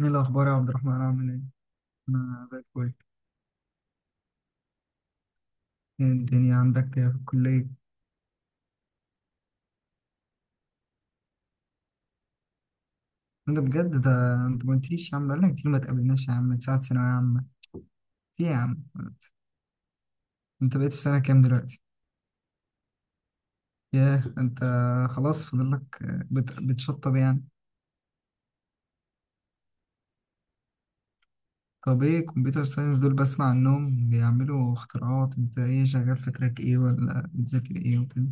ايه الاخبار يا عبد الرحمن، عامل ايه؟ انا زي الفل. ايه الدنيا عندك، إيه في الكليه؟ انا بجد ده. انت ما قلتليش يا عم، بقالنا كتير ما تقابلناش يا عم من ساعه ثانويه عامه. في إيه يا عم؟ انت بقيت في سنه كام دلوقتي؟ ياه انت، خلاص فاضل لك. بتشطب يعني. طب ايه كمبيوتر ساينس دول؟ بسمع عنهم بيعملوا اختراعات. انت ايه، شغال في تراك ايه ولا بتذاكر ايه وكده؟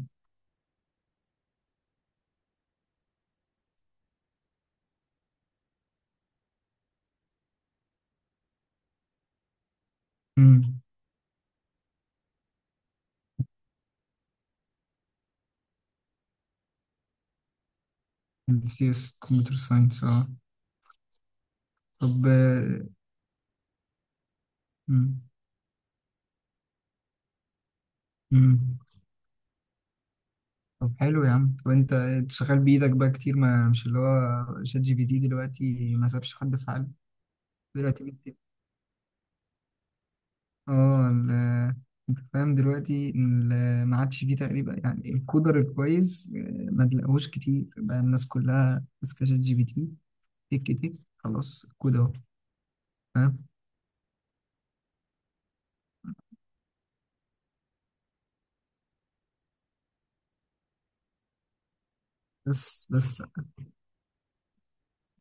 امم، سي اس كمبيوتر ساينس، اه. طب، امم، إمم. طب حلو يا عم. وانت شغال بايدك بقى، كتير ما مش اللي هو شات جي بي تي دلوقتي ما سابش حد في حاله. دلوقتي اه فاهم دلوقتي، ما عادش فيه تقريبا يعني الكودر الكويس ما تلاقوش كتير بقى، الناس كلها ماسكه شات جي بي تي، تك تك خلاص الكود اهو. فاهم؟ بس بس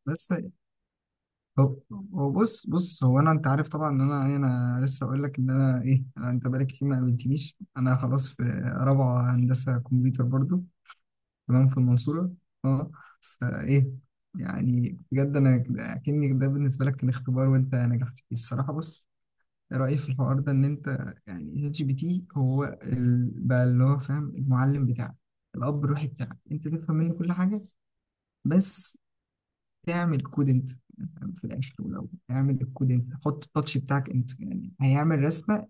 بس هو، هو بص بص هو، انا انت عارف طبعا ان انا انا لسه اقول لك ان انا ايه. انا، انت بقالك كتير ما قابلتنيش. انا خلاص في رابعه هندسه كمبيوتر برضو. تمام، في المنصورة، اه. فايه؟ يعني بجد انا، اكني ده بالنسبة لك كان اختبار وانت نجحت فيه الصراحة. بص، رأيي في الحوار ده ان انت يعني اتش بي تي هو بقى اللي هو فاهم، المعلم بتاعك، الاب الروحي بتاعك، انت تفهم منه كل حاجة بس تعمل كود انت يعني في الاخر. ولو تعمل الكود انت، حط التاتش بتاعك انت، يعني هيعمل رسمة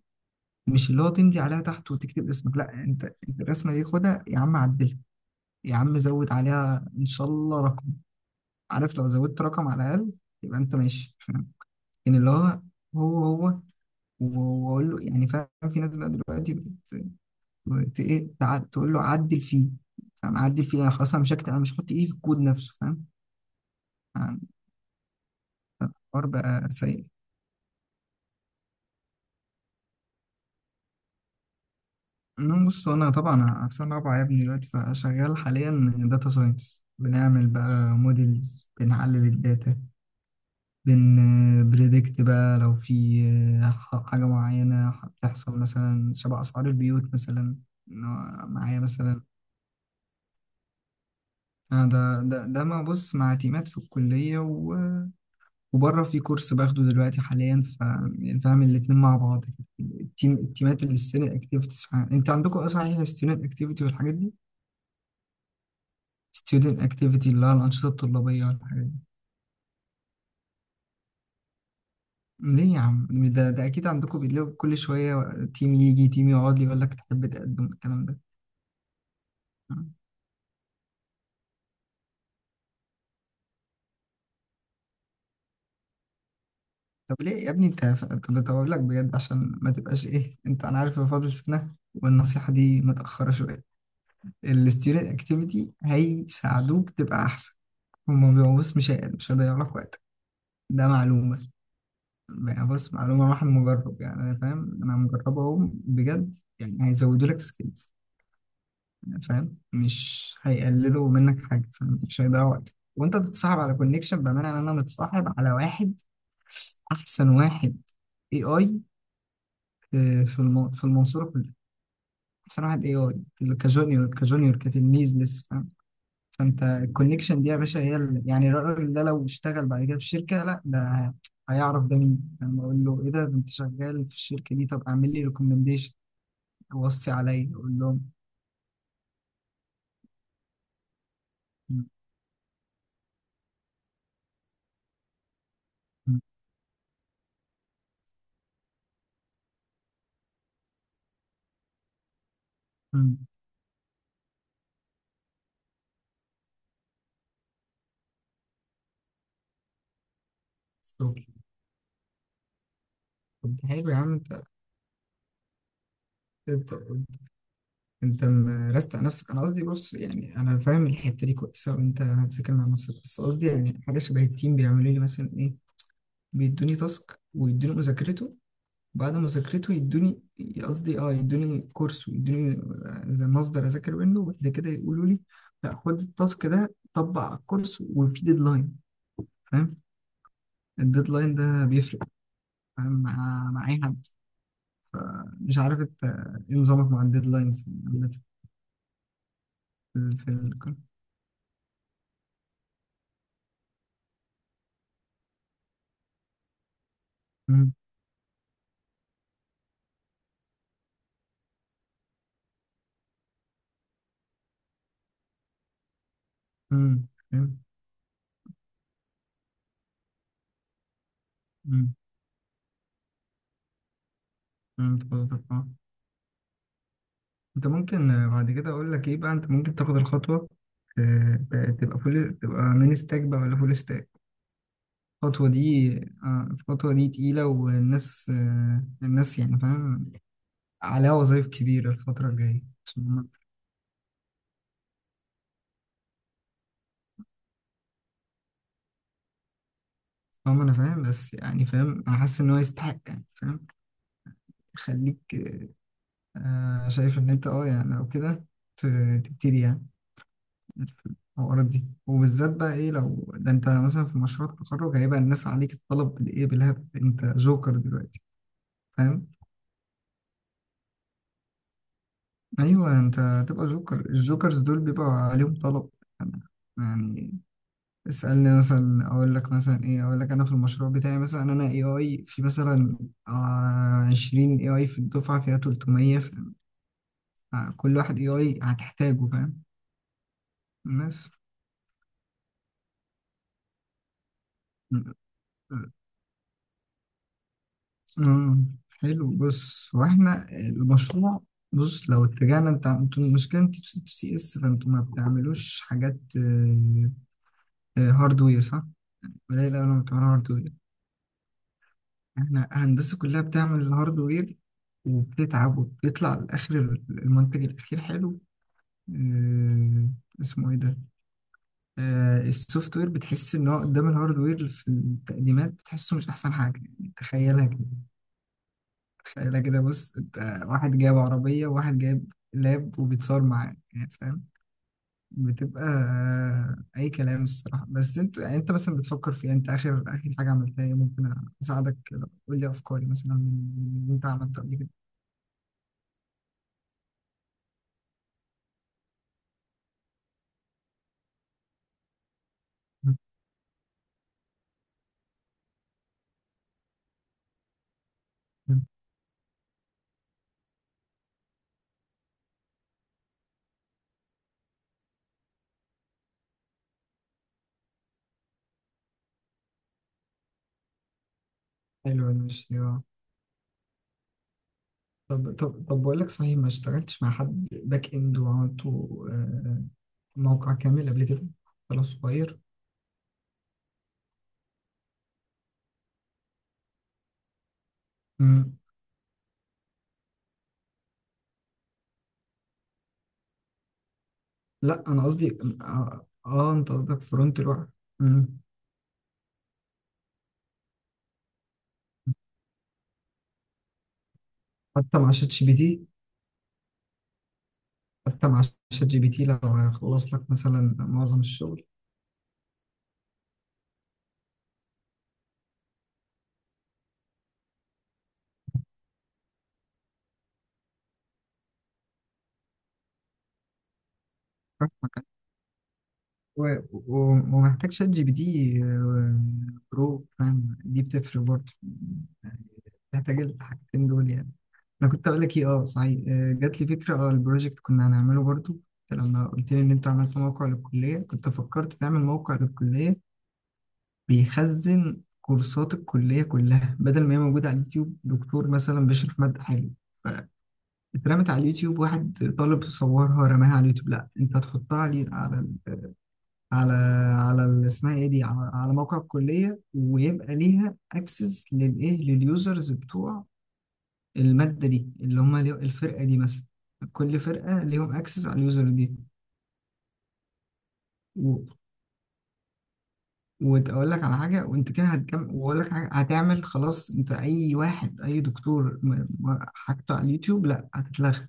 مش اللي هو تمضي عليها تحت وتكتب اسمك. لا، انت انت الرسمة دي خدها يا عم، عدلها يا عم، زود عليها ان شاء الله رقم. عارف؟ لو زودت رقم على الأقل يبقى أنت ماشي. فاهم؟ لكن اللي هو، هو هو و- وأقول له يعني. فاهم؟ في ناس بقى دلوقتي إيه، تقول له عدل فيه. فاهم؟ عدل فيه، أنا خلاص، أنا مش هكتب، أنا مش هحط إيدي في الكود نفسه. فاهم؟ يعني الحوار بقى سيء. إنه بص، أنا طبعا في سنة رابعة يا ابني دلوقتي، فشغال حاليا داتا ساينس، بنعمل بقى موديلز، بنحلل الداتا، بنبريدكت بقى لو في حاجة معينة هتحصل، مثلا شبه أسعار البيوت مثلا، إن هو معايا مثلا. ده مع، بص، مع تيمات في الكلية وبره في كورس باخده دلوقتي حاليا. فاهم؟ الاتنين مع بعض كده. التيمات الستودنت اكتيفيتيز، انت عندكم ايه صحيح، الستودنت اكتيفيتي والحاجات دي؟ ستودنت اكتيفيتي، اللي هو الانشطه الطلابيه والحاجات دي. ليه يا عم؟ مش ده، ده اكيد عندكم، بيلاقوا كل شويه تيم يجي، تيم يقعد لي يقول لك تحب تقدم الكلام ده. مم. طب ليه يا ابني انت؟ طب اقول لك بجد عشان ما تبقاش ايه، انت انا عارف إن فاضل سنه والنصيحه دي متاخره شويه. الستودنت اكتيفيتي هيساعدوك تبقى احسن. هما بيبقوا، بص، مش هيضيعوا لك وقت. ده معلومه، يعني بص، معلومه راح مجرب، يعني انا فاهم، انا مجربه اهو بجد. يعني هيزودوا لك سكيلز، فاهم؟ مش هيقللوا منك حاجه. فاهم؟ مش هيضيعوا وقت، وانت تتصاحب على كونكشن، بامانه انا متصاحب على واحد احسن واحد، اي اي، في في في المنصورة كلها. أحسن واحد إيه هو؟ كجونيور، كجونيور، كتلميذ لسه. فاهم؟ فأنت الكونكشن دي يا باشا هي يعني الراجل ده لو اشتغل بعد كده في شركة، لا ده هيعرف ده مين، لما أقول له إيه ده، ده أنت شغال في الشركة دي. طب أعمل لي ريكومنديشن، وصي عليا، أقول لهم م- م- م. شغل. طب حلو يا عم. أنت أنت مرست على نفسك. أنا قصدي بص، يعني أنا فاهم الحتة دي كويسة وأنت هتذاكر مع نفسك، بس قصدي يعني حاجة شبه التيم بيعملوا لي مثلا، إيه بيدوني تاسك ويدوني مذاكرته، بعد مذاكرته يدوني، قصدي اه يدوني كورس ويدوني زي مصدر اذاكر منه. وبعد كده يقولوا لي لا، خد التاسك ده، طبق على الكورس وفي ديدلاين. فاهم؟ الديدلاين ده بيفرق، فاهم؟ مع اي حد. مش عارف انت ايه نظامك مع الديدلاينز عامة في الكورس. مم، مم، فاهم؟ مم، مم، فهمتك، آه. انت ممكن بعد كده اقول لك ايه بقى، انت ممكن تاخد الخطوه، تبقى فول، تبقى مين ستاك بقى، ولا فول؟ الخطوة دي الخطوة دي تقيلة، والناس الناس يعني فاهم، عليها وظايف كبيرة الفترة الجاية عشان هم. أنا فاهم، بس يعني فاهم، أنا حاسس إن هو يستحق، يعني فاهم يخليك. شايف إن أنت أه يعني لو كده ت- تبتدي يعني في الحوارات دي، وبالذات بقى إيه لو ده أنت مثلا في مشروع التخرج، هيبقى الناس عليك الطلب بالإيه بالهبل. أنت جوكر دلوقتي، فاهم؟ أيوه، أنت هتبقى جوكر. الجوكرز دول بيبقى عليهم طلب يعني. اسألني مثلا، أقول لك مثلا إيه، أقول لك أنا في المشروع بتاعي مثلا، أنا AI في مثلا، 20 AI في الدفعة فيها 300 كل واحد AI هتحتاجه. فاهم؟ الناس، آه، حلو. بص، واحنا المشروع بص، لو اتجهنا، انتوا المشكله، انت سي اس، فانتوا ما بتعملوش حاجات هاردوير صح؟ قليل قوي لما بتعملوا هاردوير. احنا هندسة كلها بتعمل الهاردوير، وبتتعب وبتطلع لآخر المنتج الأخير حلو. آه، اسمه ايه ده؟ السوفت وير بتحس ان هو قدام الهاردوير في التقديمات، بتحسه مش احسن حاجة يعني. تخيلها كده، تخيلها كده. بص انت، واحد جايب عربية وواحد جايب لاب وبيتصور معاه يعني. فاهم؟ بتبقى اي كلام الصراحة. بس انت يعني، انت مثلا بتفكر في إيه؟ انت اخر حاجة عملتها ايه؟ ممكن اساعدك. قول لي افكاري مثلا، من اللي انت عملته قبل كده. مم. حلو المشي، اه. طب بقول لك صحيح، ما اشتغلتش مع حد باك اند وعملته آه، موقع كامل قبل كده، ولا صغير؟ مم. لا انا قصدي اه، انت قصدك فرونت لوحده. مم. حتى مع شات جي بي تي، حتى مع شات جي بي تي، لو هيخلص لك مثلا معظم الشغل. فاهمك. ومحتاج شات جي بي تي برو، فاهم؟ دي بتفرق برضه. نحتاج الحاجتين دول يعني. انا كنت اقول لك ايه، اه صحيح، جات لي فكره، اه البروجكت كنا هنعمله برضو. أنت لما قلت لي ان انت عملت موقع للكليه، كنت فكرت تعمل موقع للكليه بيخزن كورسات الكليه كلها، بدل ما هي موجوده على اليوتيوب. دكتور مثلا بيشرح ماده حلوه، اترمت على اليوتيوب، واحد طالب صورها رماها على اليوتيوب. لا، انت هتحطها على على اسمها ايه دي، على، على موقع الكليه، ويبقى ليها اكسس للايه، لليوزرز بتوع المادة دي، اللي هما الفرقة دي مثلا. كل فرقة ليهم اكسس على اليوزر دي. و... وأقول لك على حاجة، وأنت كده هتكمل. وأقول لك حاجة هتعمل، خلاص. أنت أي واحد، أي دكتور حاجته على اليوتيوب، لأ هتتلغى.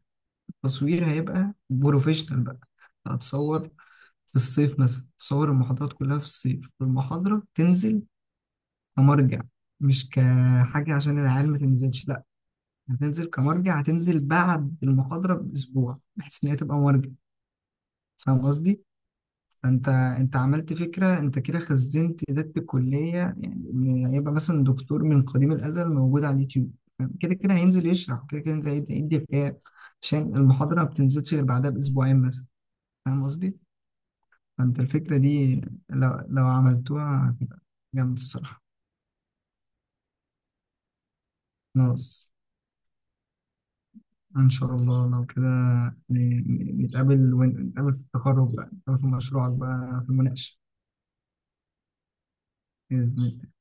التصوير هيبقى بروفيشنال بقى. هتصور في الصيف مثلا، تصور المحاضرات كلها في الصيف، والمحاضرة تنزل كمرجع، مش كحاجة عشان العيال ما تنزلش، لأ هتنزل كمرجع. هتنزل بعد المحاضرة بأسبوع، بحيث إن هي تبقى مرجع. فاهم قصدي؟ انت انت عملت فكره، انت كده خزنت ذات الكليه يعني. إن هيبقى مثلا دكتور من قديم الازل موجود على اليوتيوب. فاهم؟ كده كده هينزل يشرح، كده كده هينزل يدي غياب، عشان المحاضره ما بتنزلش غير بعدها باسبوعين مثلا. فاهم قصدي؟ فانت الفكره دي لو عملتوها هتبقى جامد الصراحه. خلاص، ان شاء الله، لو كده نتقابل، نتقابل في التخرج بقى، نتقابل في مشروعك بقى في المناقشه. بإذن